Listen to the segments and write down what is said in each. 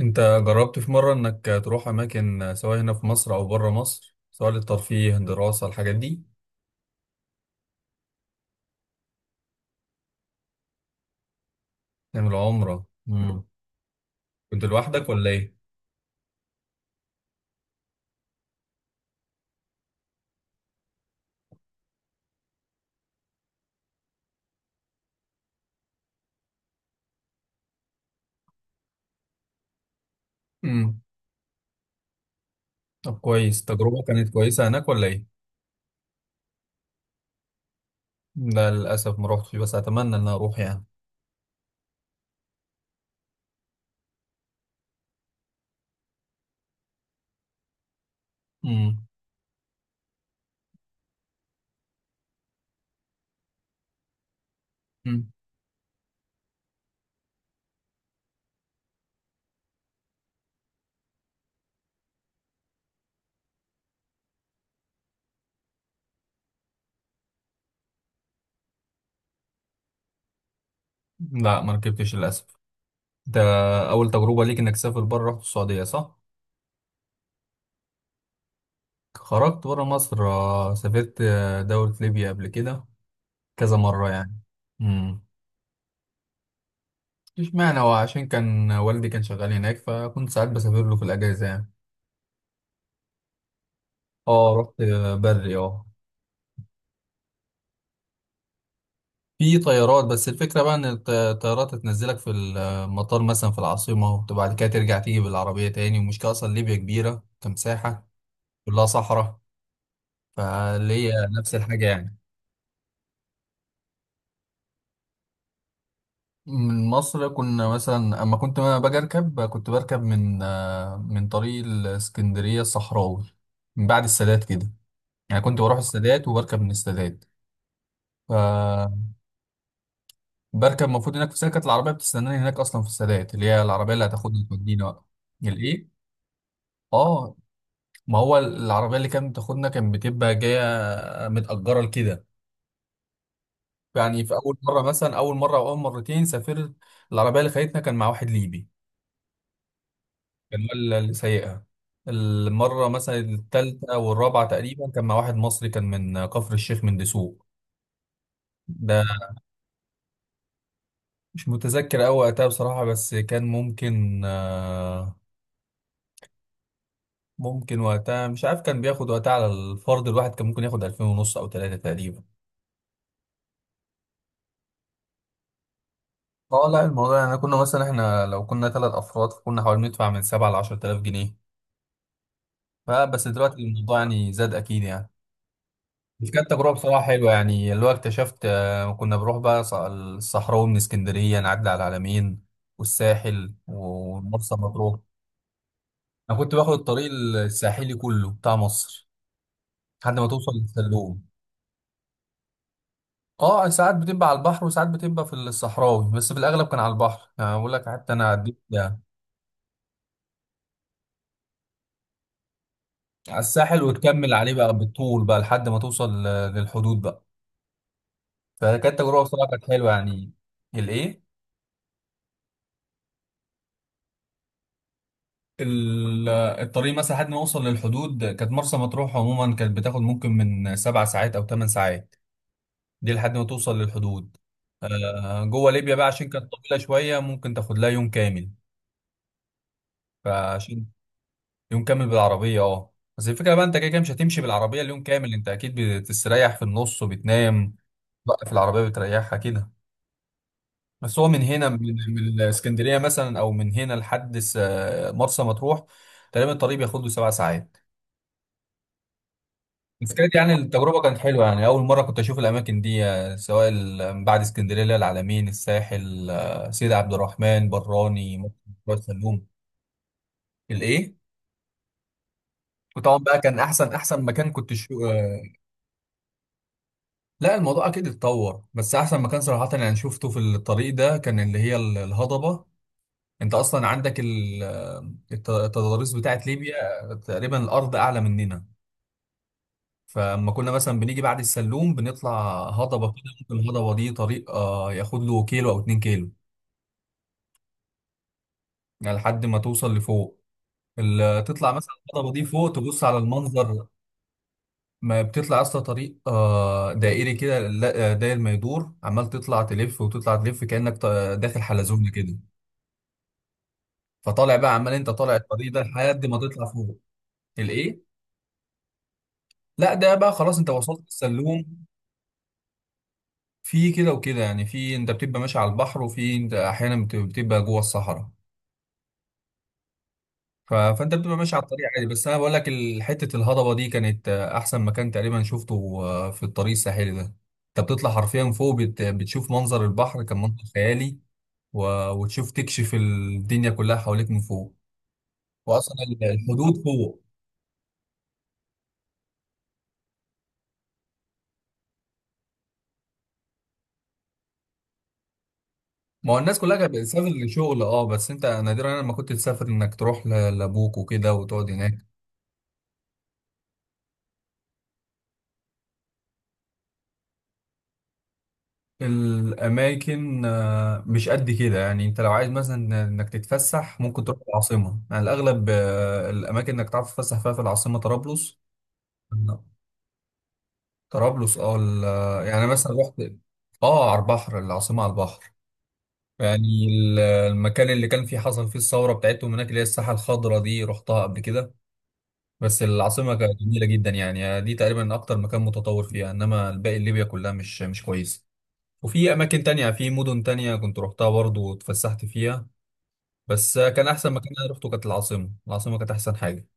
انت جربت في مرة انك تروح اماكن سواء هنا في مصر او بره مصر سواء للترفيه دراسة الحاجات دي؟ تعمل عمرة. مم. كنت لوحدك ولا ايه؟ مم. طب كويس، التجربة كانت كويسة هناك ولا ايه؟ لا للاسف ما روحتش بس اتمنى ان أنا اروح يعني. مم. مم. لا ما ركبتش للاسف. ده اول تجربة ليك انك تسافر بره، رحت السعودية صح؟ خرجت بره مصر، سافرت دولة ليبيا قبل كده كذا مرة يعني. مم. مفيش معنى، هو عشان كان والدي كان شغال هناك فكنت ساعات بسافر له في الأجازة يعني. اه رحت بري اه. في طيارات، بس الفكرة بقى إن الطيارات هتنزلك في المطار مثلا في العاصمة، وبعد كده ترجع تيجي بالعربية تاني. والمشكلة أصلا ليبيا كبيرة كمساحة، كلها صحراء، فاللي هي نفس الحاجة يعني. من مصر كنا مثلا أما كنت أنا باجي أركب، كنت بركب من من طريق الإسكندرية الصحراوي، من بعد السادات كده. يعني كنت بروح السادات وبركب من السادات. ف بركب المفروض هناك في سكة، العربية بتستناني هناك أصلا في السادات، اللي هي العربية اللي هتاخدني توديني بقى. الإيه؟ آه. ما هو العربية اللي كانت بتاخدنا كانت بتبقى جاية متأجرة لكده. يعني في أول مرة مثلا، أول مرة أو أول مرتين سافرت، العربية اللي خدتنا كان مع واحد ليبي، كان هو اللي سايقها. المرة مثلا التالتة والرابعة تقريبا كان مع واحد مصري، كان من كفر الشيخ من دسوق. ده مش متذكر أوي وقتها بصراحة، بس كان ممكن وقتها، مش عارف، كان بياخد وقتها على الفرد الواحد، كان ممكن ياخد 2000 ونص او 3 تقريبا. اه لا الموضوع يعني كنا مثلا، احنا لو كنا 3 افراد فكنا حوالي ندفع من 7 ل 10000 جنيه. فبس دلوقتي الموضوع يعني زاد اكيد يعني. بس كانت تجربه بصراحه حلوه، يعني اللي هو اكتشفت، كنا بنروح بقى الصحراوي من اسكندريه، نعدي على العلمين والساحل ومرسى مطروح. انا كنت باخد الطريق الساحلي كله بتاع مصر لحد ما توصل للسلوم. اه ساعات بتبقى على البحر وساعات بتبقى في الصحراوي، بس في الاغلب كان على البحر يعني، بقول لك حتى انا عديت يعني على الساحل وتكمل عليه بقى بالطول بقى لحد ما توصل للحدود بقى. فكانت تجربه بصراحه كانت حلوه يعني. الايه؟ الطريق مثلا لحد ما اوصل للحدود كانت مرسى مطروح عموما، كانت بتاخد ممكن من 7 ساعات او 8 ساعات دي لحد ما توصل للحدود. جوه ليبيا بقى عشان كانت طويله شويه، ممكن تاخد لها يوم كامل. فعشان يوم كامل بالعربية اه، بس الفكرة بقى انت كده كده مش هتمشي بالعربية اليوم كامل، انت اكيد بتستريح في النص وبتنام بقى، في العربية بتريحها كده. بس هو من هنا من الاسكندرية مثلا او من هنا لحد مرسى مطروح، تقريبا الطريق بياخد له 7 ساعات. بس كانت يعني التجربة كانت حلوة يعني، أول مرة كنت أشوف الأماكن دي، سواء من بعد اسكندرية اللي هي العلمين، الساحل، سيدي عبد الرحمن، براني، مرسى مطروح، سلوم. الإيه؟ وطبعا بقى كان أحسن مكان كنت. لا الموضوع اكيد اتطور، بس احسن مكان صراحه انا شفته في الطريق ده كان اللي هي الهضبه. انت اصلا عندك التضاريس بتاعت ليبيا، تقريبا الارض اعلى مننا، فلما كنا مثلا بنيجي بعد السلوم بنطلع هضبه كده، ممكن الهضبه دي طريق ياخد له كيلو او 2 كيلو يعني لحد ما توصل لفوق. تطلع مثلا الهضبه دي فوق تبص على المنظر. ما بتطلع اصلا طريق دائري كده، داير ما يدور عمال تطلع تلف وتطلع تلف، كانك داخل حلزون كده. فطالع بقى عمال انت طالع الطريق ده لحد ما تطلع فوق. الايه؟ لا ده بقى خلاص انت وصلت السلوم. في كده وكده يعني، في انت بتبقى ماشي على البحر، وفي انت احيانا بتبقى جوه الصحراء. فانت بتبقى ماشي على الطريق عادي، بس انا بقول لك حته الهضبه دي كانت، احسن مكان تقريبا شفته في الطريق الساحلي ده. انت بتطلع حرفيا فوق، بتشوف منظر البحر، كان منظر خيالي و... وتشوف تكشف الدنيا كلها حواليك من فوق، واصلا الحدود فوق. ما هو الناس كلها كانت بتسافر لشغل اه، بس انت نادرا لما كنت تسافر انك تروح لابوك وكده وتقعد هناك. الاماكن مش قد كده يعني، انت لو عايز مثلا انك تتفسح ممكن تروح العاصمه، يعني الاغلب الاماكن انك تعرف تتفسح فيها في العاصمه طرابلس. لا، طرابلس اه يعني مثلا رحت، اه على البحر، العاصمه على البحر. يعني المكان اللي كان فيه حصل فيه الثوره بتاعتهم هناك اللي هي الساحه الخضراء دي، رحتها قبل كده. بس العاصمة كانت جميلة جدا، يعني دي تقريبا أكتر مكان متطور فيها، إنما الباقي ليبيا كلها مش كويسة. وفي أماكن تانية في مدن تانية كنت روحتها برضه واتفسحت فيها، بس كان أحسن مكان أنا روحته كانت العاصمة كانت أحسن حاجة.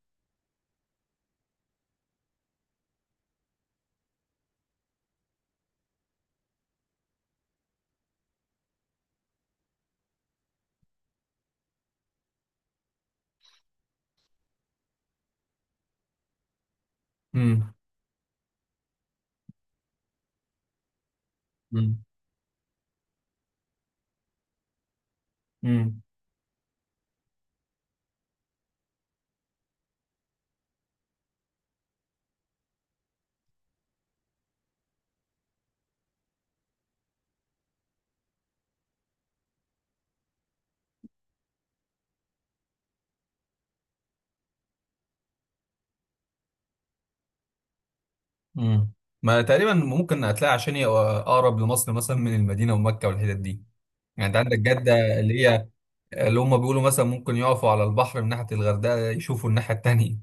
امم. امم. امم. امم. ما تقريبا ممكن هتلاقي عشان هي أقرب لمصر مثلا، من المدينة ومكة والحتت دي، يعني أنت عندك جدة اللي هي اللي هم بيقولوا مثلا ممكن يقفوا على البحر من ناحية الغردقة يشوفوا الناحية التانية.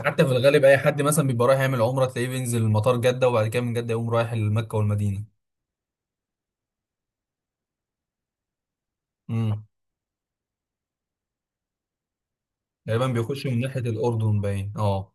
حتى في الغالب اي حد مثلا بيبقى رايح يعمل عمره تلاقيه بينزل مطار جده، وبعد كده من جده يقوم رايح لمكه والمدينه. امم. تقريبا بيخش من ناحيه الاردن باين اه.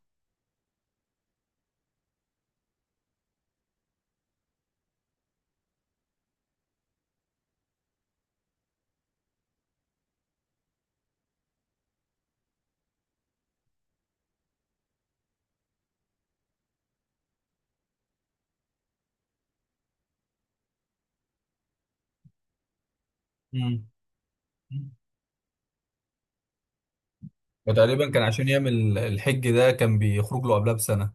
مم. وتقريبا كان عشان يعمل الحج ده كان بيخرج له قبلها بسنه.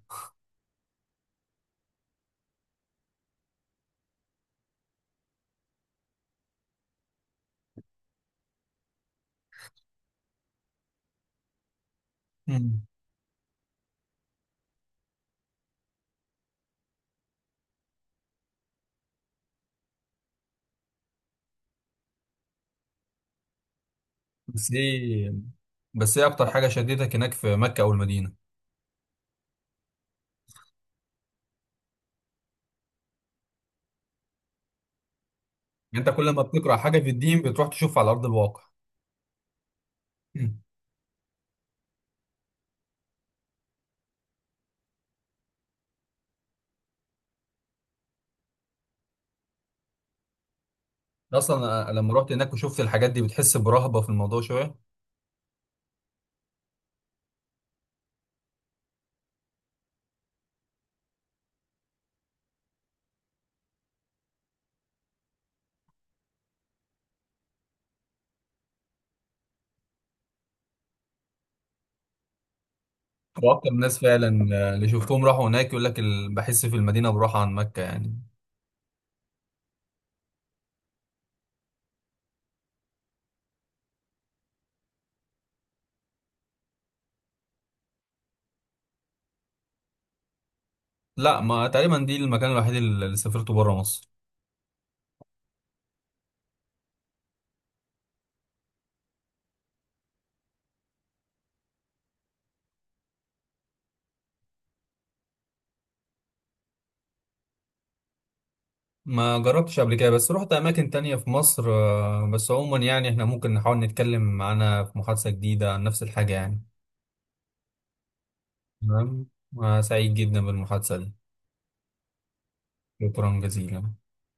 مم. بس ايه بس ايه اكتر حاجه شدتك هناك في مكه او المدينه؟ يعني انت كل ما بتقرا حاجه في الدين بتروح تشوفها على ارض الواقع. مم. اصلا أنا لما رحت هناك وشفت الحاجات دي بتحس برهبه في الموضوع شويه. واكتر ناس فعلا، اللي شفتهم راحوا هناك يقول لك بحس في المدينه براحه عن مكه يعني. لا، ما تقريبا دي المكان الوحيد اللي سافرته بره مصر. ما جربتش قبل كده بس رحت اماكن تانية في مصر، بس عموما يعني احنا ممكن نحاول نتكلم معانا في محادثه جديده عن نفس الحاجه يعني. تمام. سعيد جدا بالمحادثه دي. شكرا جزيلا.